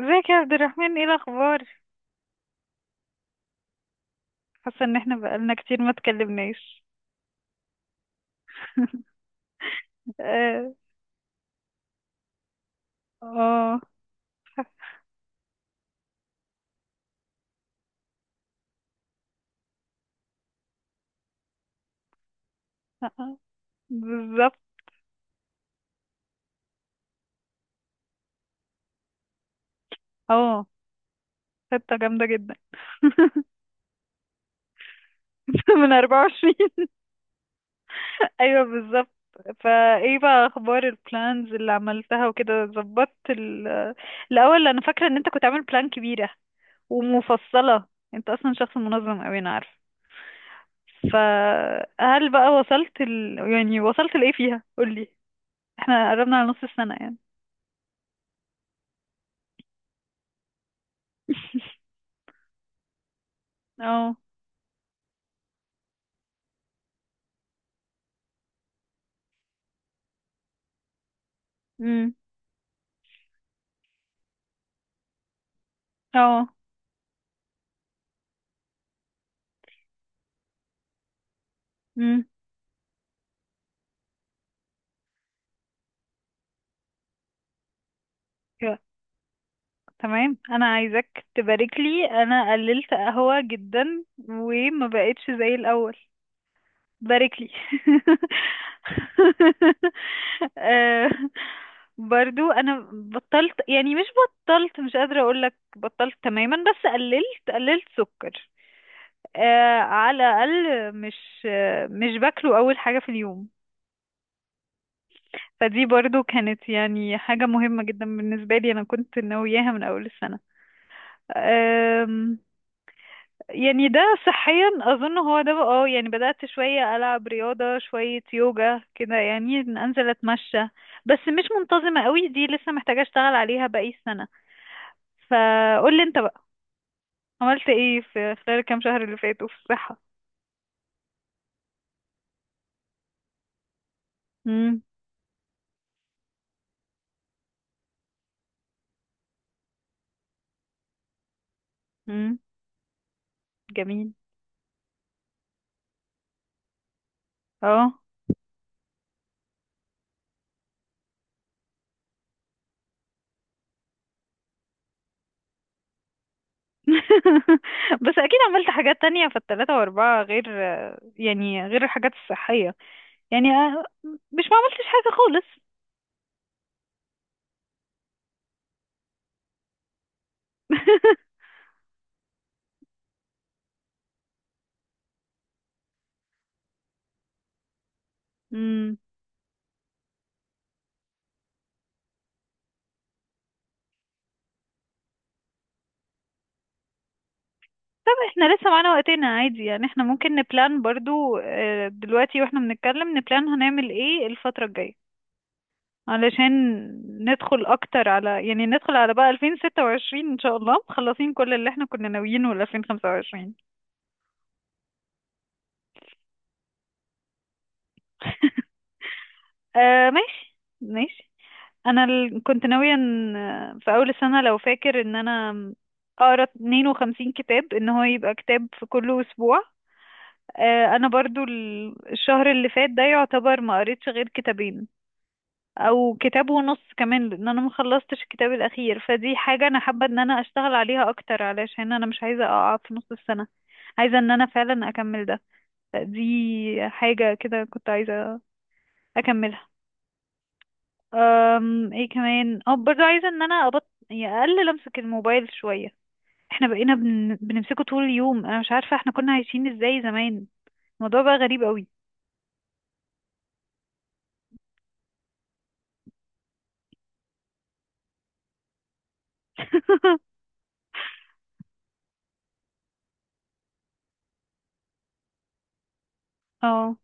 ازيك يا عبد الرحمن، ايه الاخبار؟ حاسه ان احنا بقالنا كتير ما اتكلمناش. اه. اه. آه، بالظبط. اه. خطه جامده جدا. من 24. ايوه بالظبط. فايه بقى اخبار البلانز اللي عملتها وكده. الاول انا فاكره ان انت كنت عامل بلان كبيره ومفصله. انت اصلا شخص منظم اوي، انا عارفه. فهل بقى يعني وصلت لايه فيها؟ قولي. احنا قربنا على نص السنه يعني. اه. اه. امم. يا- تمام، انا عايزك تبارك لي، انا قللت قهوة جدا وما بقتش زي الاول. بارك لي. آه، برضو انا بطلت، يعني مش بطلت، مش قادرة اقولك بطلت تماما، بس قللت سكر. على الاقل مش، مش باكله اول حاجة في اليوم. فدي برضو كانت يعني حاجة مهمة جدا بالنسبة لي، انا كنت ناوياها من اول السنة. أم، يعني ده صحيا اظن هو ده يعني بدأت شوية العب رياضة، شوية يوجا كده، يعني إن انزل اتمشى. بس مش منتظمة قوي، دي لسه محتاجة اشتغل عليها باقي السنة. فقول لي انت بقى، عملت ايه في خلال الكام شهر اللي فاتوا في الصحة. امم. امم. جميل. اه. بس اكيد عملت حاجات تانية في التلاتة واربعة، غير يعني غير الحاجات الصحية. يعني مش ما عملتش حاجة خالص. امم. طب احنا لسه معانا وقتنا عادي، يعني احنا ممكن نبلان برضو، دلوقتي واحنا بنتكلم نبلان هنعمل ايه الفترة الجاية. علشان ندخل اكتر على، يعني ندخل على بقى 2026 ان شاء الله مخلصين كل اللي احنا كنا ناويينه ل 2025. آه ماشي ماشي. انا كنت ناوية ان، في اول السنة لو فاكر، ان انا اقرا 52 كتاب، ان هو يبقى كتاب في كل اسبوع. انا برضو الشهر اللي فات ده يعتبر ما قريتش غير كتابين، او كتاب ونص كمان، لان انا ما خلصتش الكتاب الاخير. فدي حاجه انا حابه ان انا اشتغل عليها اكتر، علشان انا مش عايزه اقع في نص السنه. عايزه ان انا فعلا اكمل ده. دي حاجه كده كنت عايزه اكملها. ايه كمان؟ اه برضه عايزه ان انا ابط، يعني اقلل امسك الموبايل شويه. احنا بقينا بنمسكه طول اليوم، انا مش عارفه احنا كنا عايشين ازاي زمان. الموضوع بقى غريب قوي. اه.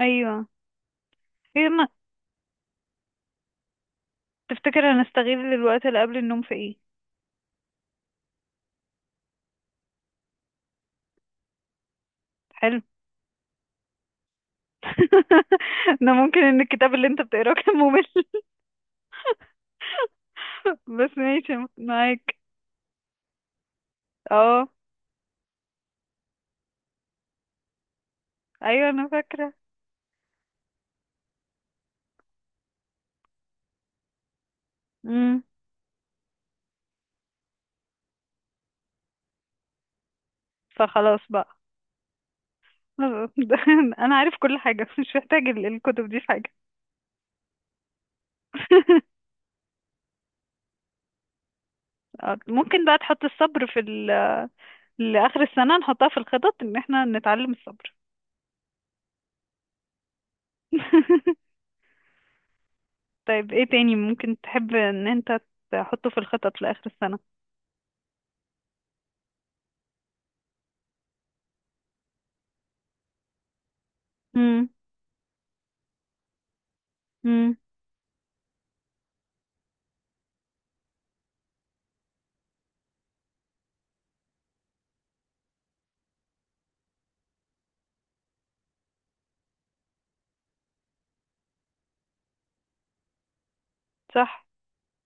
ايوه. ايه، ما تفتكر هنستغل الوقت اللي قبل النوم في ايه؟ حلو. انا ممكن ان الكتاب اللي انت بتقراه كان ممل. بس ماشي معاك. اه. ايوه، انا فاكره. امم. فخلاص بقى. انا عارف كل حاجه، مش محتاج الكتب دي في حاجه. ممكن بقى تحط الصبر في لاخر السنه، نحطها في الخطط ان احنا نتعلم الصبر. طيب، ايه تاني ممكن تحب ان انت تحطه في الخطط لاخر السنه؟ امم. امم. صح.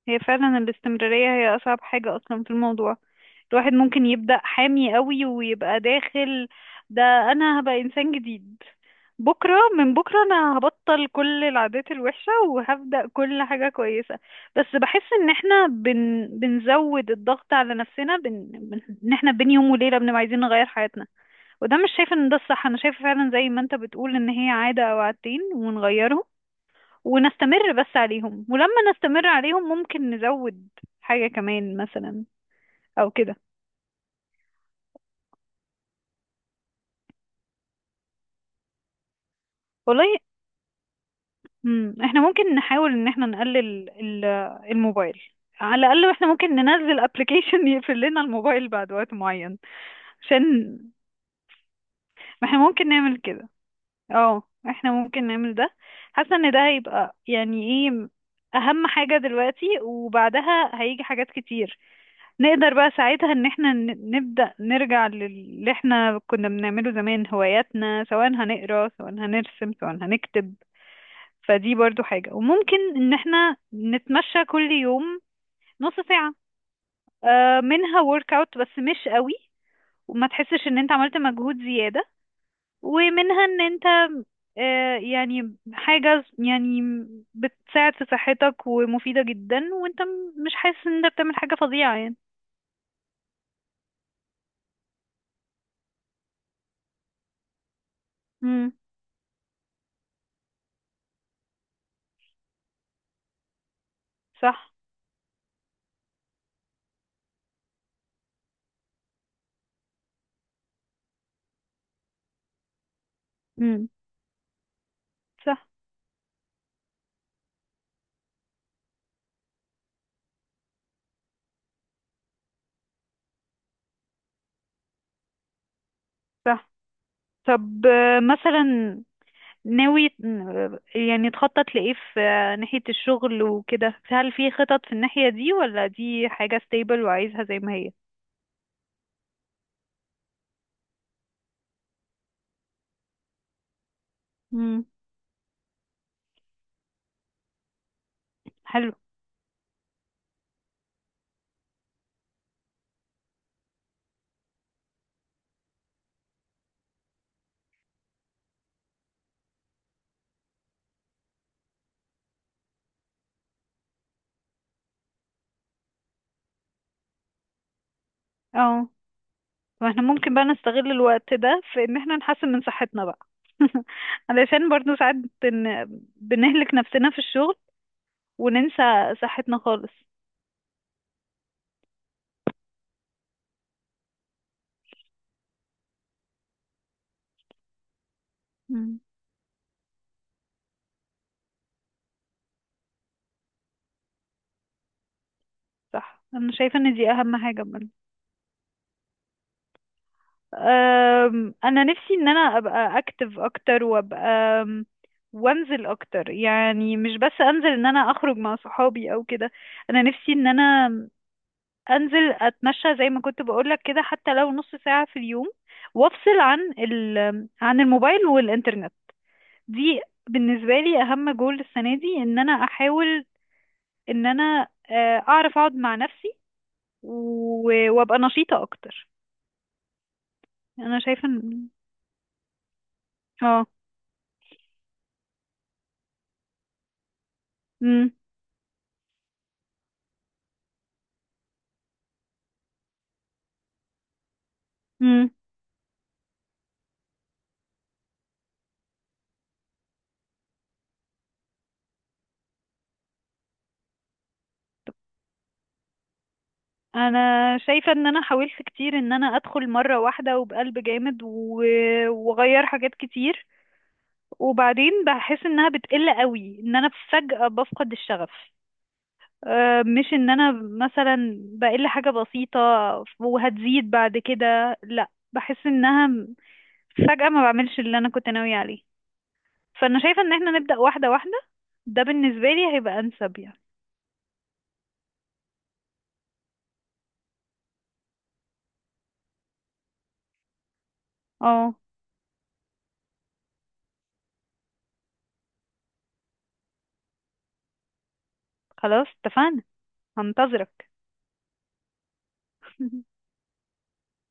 هي فعلا الاستمرارية هي أصعب حاجة أصلا في الموضوع. الواحد ممكن يبدأ حامي قوي ويبقى داخل، ده أنا هبقى إنسان جديد، بكرة من بكرة أنا هبطل كل العادات الوحشة وهبدأ كل حاجة كويسة. بس بحس إن احنا بنزود الضغط على نفسنا، إن احنا بين يوم وليلة بنبقى عايزين نغير حياتنا. وده مش شايفة إن ده الصح، أنا شايفة فعلا زي ما أنت بتقول، إن هي عادة أو عادتين ونغيرهم ونستمر بس عليهم، ولما نستمر عليهم ممكن نزود حاجة كمان مثلا، او كده. والله. احنا ممكن نحاول ان احنا نقلل الموبايل. على الاقل احنا ممكن ننزل ابلكيشن يقفل لنا الموبايل بعد وقت معين، عشان. ما احنا ممكن نعمل كده. اه. احنا ممكن نعمل ده. حاسة ان ده هيبقى يعني ايه، اهم حاجة دلوقتي، وبعدها هيجي حاجات كتير. نقدر بقى ساعتها ان احنا نبدأ نرجع للي احنا كنا بنعمله زمان، هواياتنا، سواء هنقرا سواء هنرسم سواء هنكتب. فدي برضو حاجة، وممكن ان احنا نتمشى كل يوم نص ساعة، منها ورك اوت بس مش قوي، وما تحسش ان انت عملت مجهود زيادة. ومنها ان انت، يعني حاجة يعني بتساعد في صحتك ومفيدة جدا، وانت مش حاسس ان انت بتعمل حاجة فظيعة يعني. امم. صح. مم. صح. صح. طب مثلا، ناوي يعني تخطط لإيه في ناحية الشغل وكده؟ هل في خطط في الناحية دي، ولا دي حاجة stable وعايزها زي ما هي؟ امم. حلو. اه. واحنا ممكن بقى نستغل الوقت ده في ان احنا نحسن من صحتنا بقى. علشان برضو ساعات بن... بنهلك نفسنا في الشغل، وننسى صحتنا خالص. امم. صح. انا شايفة ان دي اهم حاجة. انا نفسي ان انا ابقى اكتف اكتر وابقى، أم، وانزل اكتر، يعني مش بس انزل ان انا اخرج مع صحابي او كده. انا نفسي ان انا انزل اتمشى زي ما كنت بقولك كده، حتى لو نص ساعة في اليوم، وافصل عن عن الموبايل والانترنت. دي بالنسبة لي اهم جول السنة دي، ان انا احاول ان انا، اعرف اقعد مع نفسي وابقى نشيطة اكتر. انا شايفة ان. اه. امم. انا شايفة ان انا حاولت كتير ان انا ادخل مرة واحدة وبقلب جامد واغير حاجات كتير، وبعدين بحس انها بتقل قوي، ان انا فجأة بفقد الشغف. مش ان انا مثلا بقل حاجة بسيطة وهتزيد بعد كده، لا بحس انها فجأة ما بعملش اللي انا كنت ناوية عليه. فانا شايفة ان احنا نبدأ واحدة واحدة، ده بالنسبة لي هيبقى انسب يعني. اه. خلاص اتفقنا، هنتظرك.